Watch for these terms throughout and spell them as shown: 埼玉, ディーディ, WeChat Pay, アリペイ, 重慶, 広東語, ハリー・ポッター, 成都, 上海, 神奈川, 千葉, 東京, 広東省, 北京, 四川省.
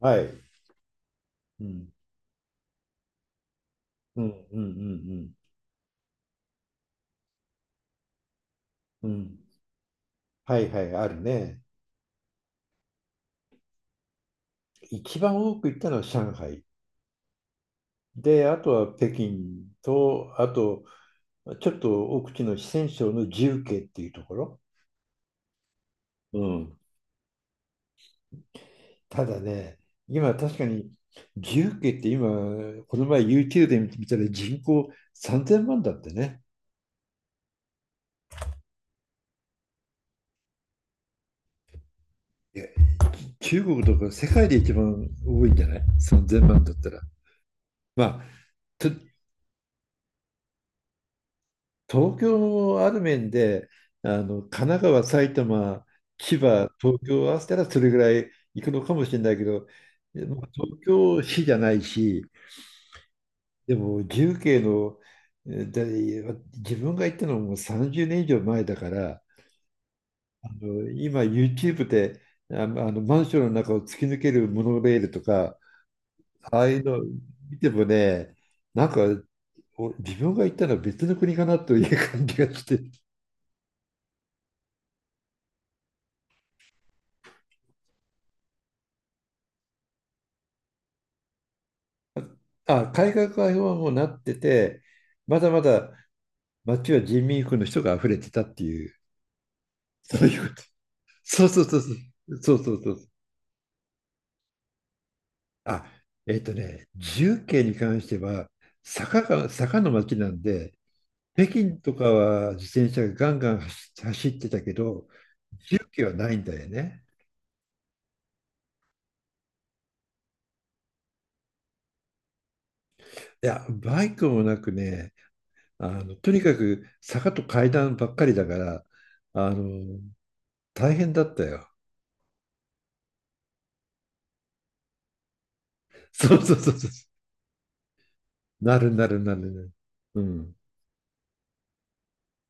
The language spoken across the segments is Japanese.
はい。うん、うん、うん、うん、うん。うん、はいはい、あるね。一番多く行ったのは上海。で、あとは北京と、あと、ちょっと奥地の四川省の重慶っていうところ。うん。ただね、今確かに重慶って今、この前 YouTube で見たら人口3000万だってね。いや、中国とか世界で一番多いんじゃない？ 3000 万だったら。まあ、と東京もある面で、神奈川、埼玉、千葉、東京を合わせたらそれぐらい行くのかもしれないけど、でも東京市じゃないし、でも重慶の、自分が行ったのも30年以上前だから、今 YouTube であのマンションの中を突き抜けるモノレールとか、ああいうの見てもね、なんか自分が行ったのは別の国かなという感じがして、あ、改革開放はもうなってて、まだまだ街は人民服の人が溢れてたっていう、そういうこと。そうそうそうそう。そうそうそうそう。あ、重慶に関しては、坂の街なんで、北京とかは自転車がガンガン走ってたけど、重慶はないんだよね。いや、バイクもなくね、とにかく坂と階段ばっかりだから、あの、大変だったよ。そうそうそうそう。なるなるなるなる。うん、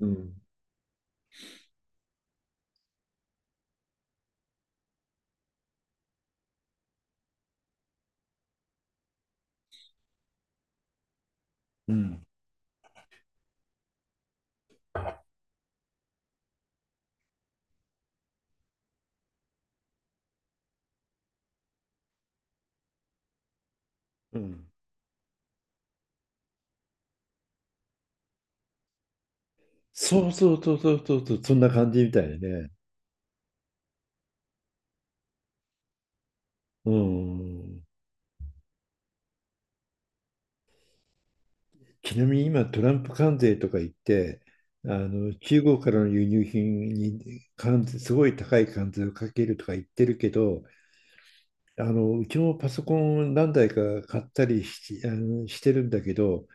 うん、うん。うん。そうそうそうそうそうそう、そんな感じみたいね。うん。ちなみに今、トランプ関税とか言って、中国からの輸入品に関税、すごい高い関税をかけるとか言ってるけど、うちもパソコン何台か買ったりし、してるんだけど、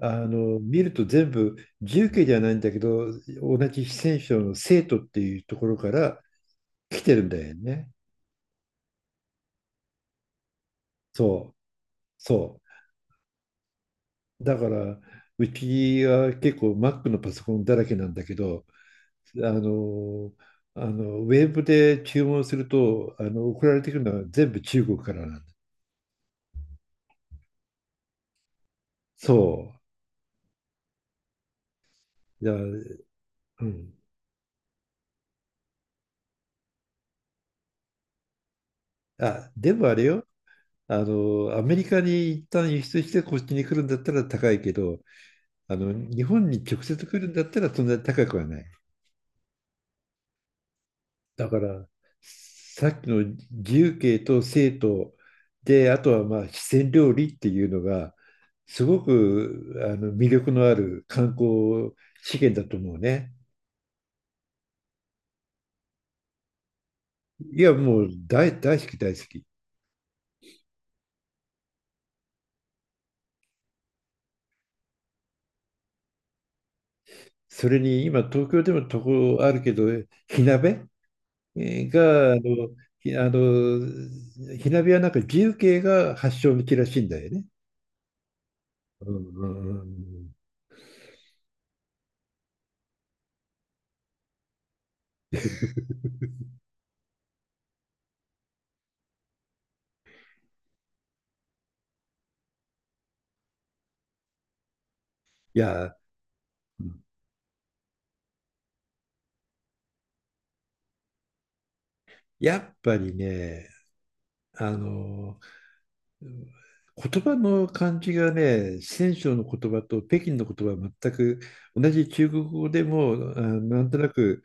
見ると全部、重慶じゃないんだけど同じ四川省の成都っていうところから来てるんだよね。そうそう。だからうちは結構 Mac のパソコンだらけなんだけど、あのあのウェブで注文すると送られてくるのは全部中国からなんだ。そう。いや、うん。あ、でもあれよ。アメリカに一旦輸出してこっちに来るんだったら高いけど、日本に直接来るんだったらそんなに高くはない。だからさっきの自由形と生徒で、あとはまあ四川料理っていうのがすごく魅力のある観光資源だと思うね。いや、もう大好き、大好き。それに今東京でもとこあるけど、火鍋があのひあの火鍋はなんか自由形が発祥の地らしいんだよね。うん、うん、うん。いや、やっぱりね、あの言葉の感じがね、四川省の言葉と北京の言葉は全く同じ中国語でも、なんとなく、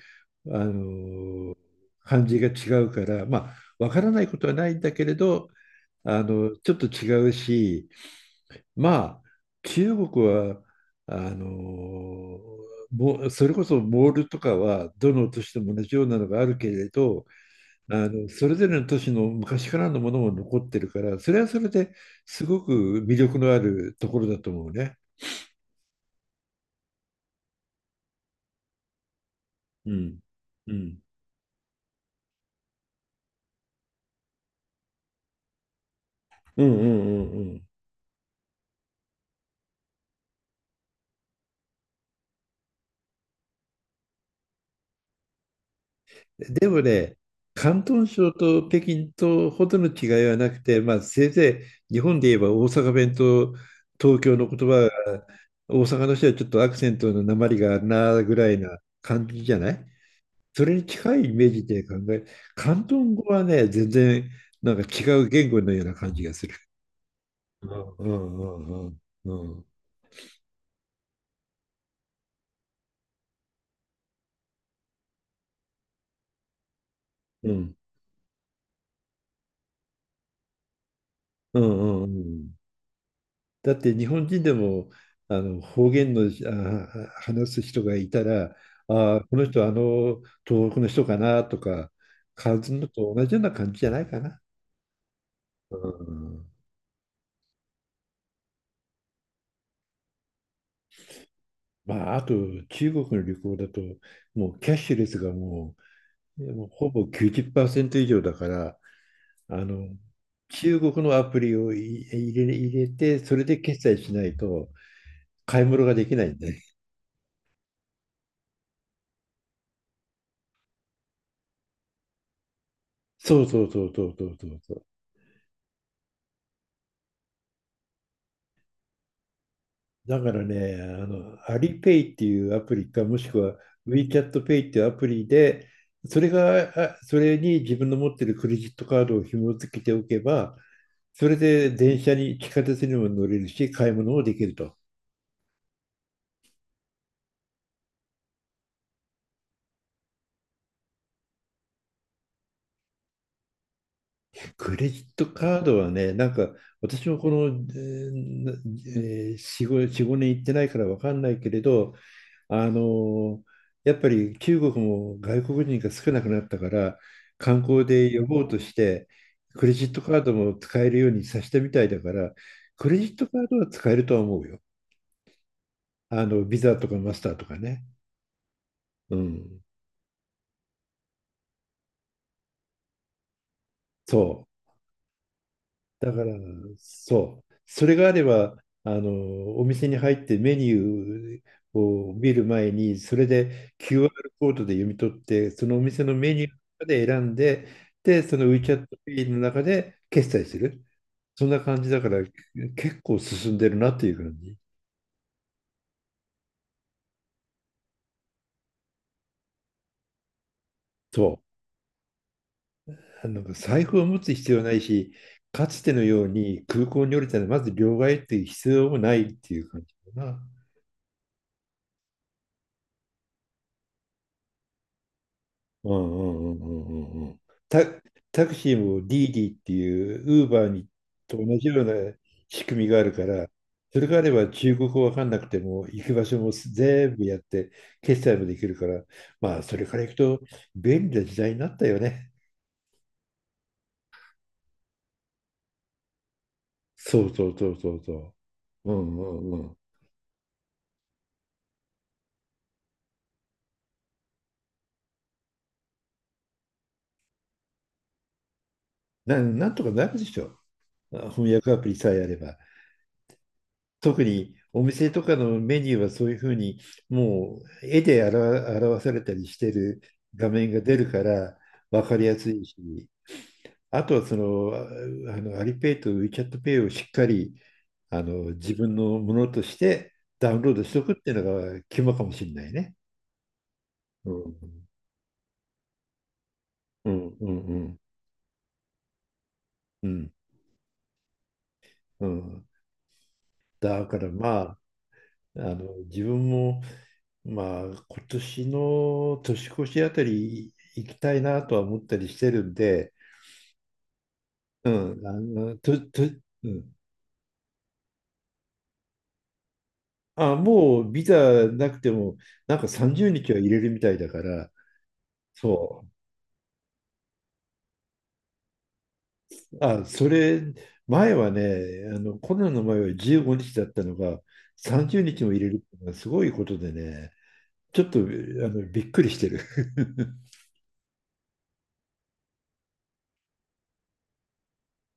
あの、感じが違うから、まあ、わからないことはないんだけれど、ちょっと違うし、まあ、中国は、あの、もうそれこそモールとかは、どの都市でも同じようなのがあるけれど、それぞれの都市の昔からのものも残ってるから、それはそれですごく魅力のあるところだと思うね。うん。うん。うん、うん、うん、うん。でもね、広東省と北京とほどの違いはなくて、まあ、せいぜい日本で言えば大阪弁と東京の言葉が、大阪の人はちょっとアクセントの訛りがあるなぐらいな感じじゃない？それに近いイメージで考え、広東語はね、全然なんか違う言語のような感じがする。うん、うん、うん、うん、うん、うん、うん、うん。だって日本人でも方言の話す人がいたら、ああ、この人東北の人かなとか感じるのと同じような感じじゃないかな。うん。まあ、あと中国の旅行だと、もうキャッシュレスがもうほぼ90%以上だから、あの中国のアプリをい入れ、入れてそれで決済しないと買い物ができないんで。そうそうそうそうそうそうそう。だからね、アリペイっていうアプリか、もしくは WeChat Pay っていうアプリで、それに自分の持ってるクレジットカードを紐付けておけば、それで電車に、地下鉄にも乗れるし、買い物もできると。クレジットカードはね、なんか、私もこの、えーなえー4、5、4、年行ってないから分かんないけれど、あのやっぱり中国も外国人が少なくなったから、観光で呼ぼうとしてクレジットカードも使えるようにさせたみたいだから、クレジットカードは使えるとは思うよ。ビザとかマスターとかね。うん。そう。だから、そう。それがあれば、お店に入ってメニューを見る前に、それで QR コードで読み取って、そのお店のメニューの中で選んで、で、その WeChat Pay の中で決済する。そんな感じだから、結構進んでるなっていう感じ。そう。なんか財布を持つ必要ないし、かつてのように空港に降りたらまず両替っていう必要もないっていう感じかな。うん、うん、うん、うん、うん、うん。タ、タクシーもディーディっていうウーバーにと同じような仕組みがあるから、それがあれば中国語わかんなくても行く場所も全部やって決済もできるから、まあそれから行くと便利な時代になったよね。そうそうそうそうそう。うん、うん、うん。なんとかなるでしょ。翻訳アプリさえあれば。特にお店とかのメニューはそういうふうに、もう絵で表されたりしてる画面が出るから分かりやすいし、あとはその、あのアリペイとウィチャットペイをしっかり自分のものとしてダウンロードしておくっていうのが肝かもしれないね。うん、うん、うん、うん、うん。うん、だからまあ、自分もまあ、今年の年越しあたり行きたいなとは思ったりしてるんで、うん、あの、と、と、うん。あ、もうビザなくても、なんか30日は入れるみたいだから、そう。あ、それ、前はね、コロナの前は15日だったのが、30日も入れるっていうのはすごいことでね、ちょっと、びっくりしてる。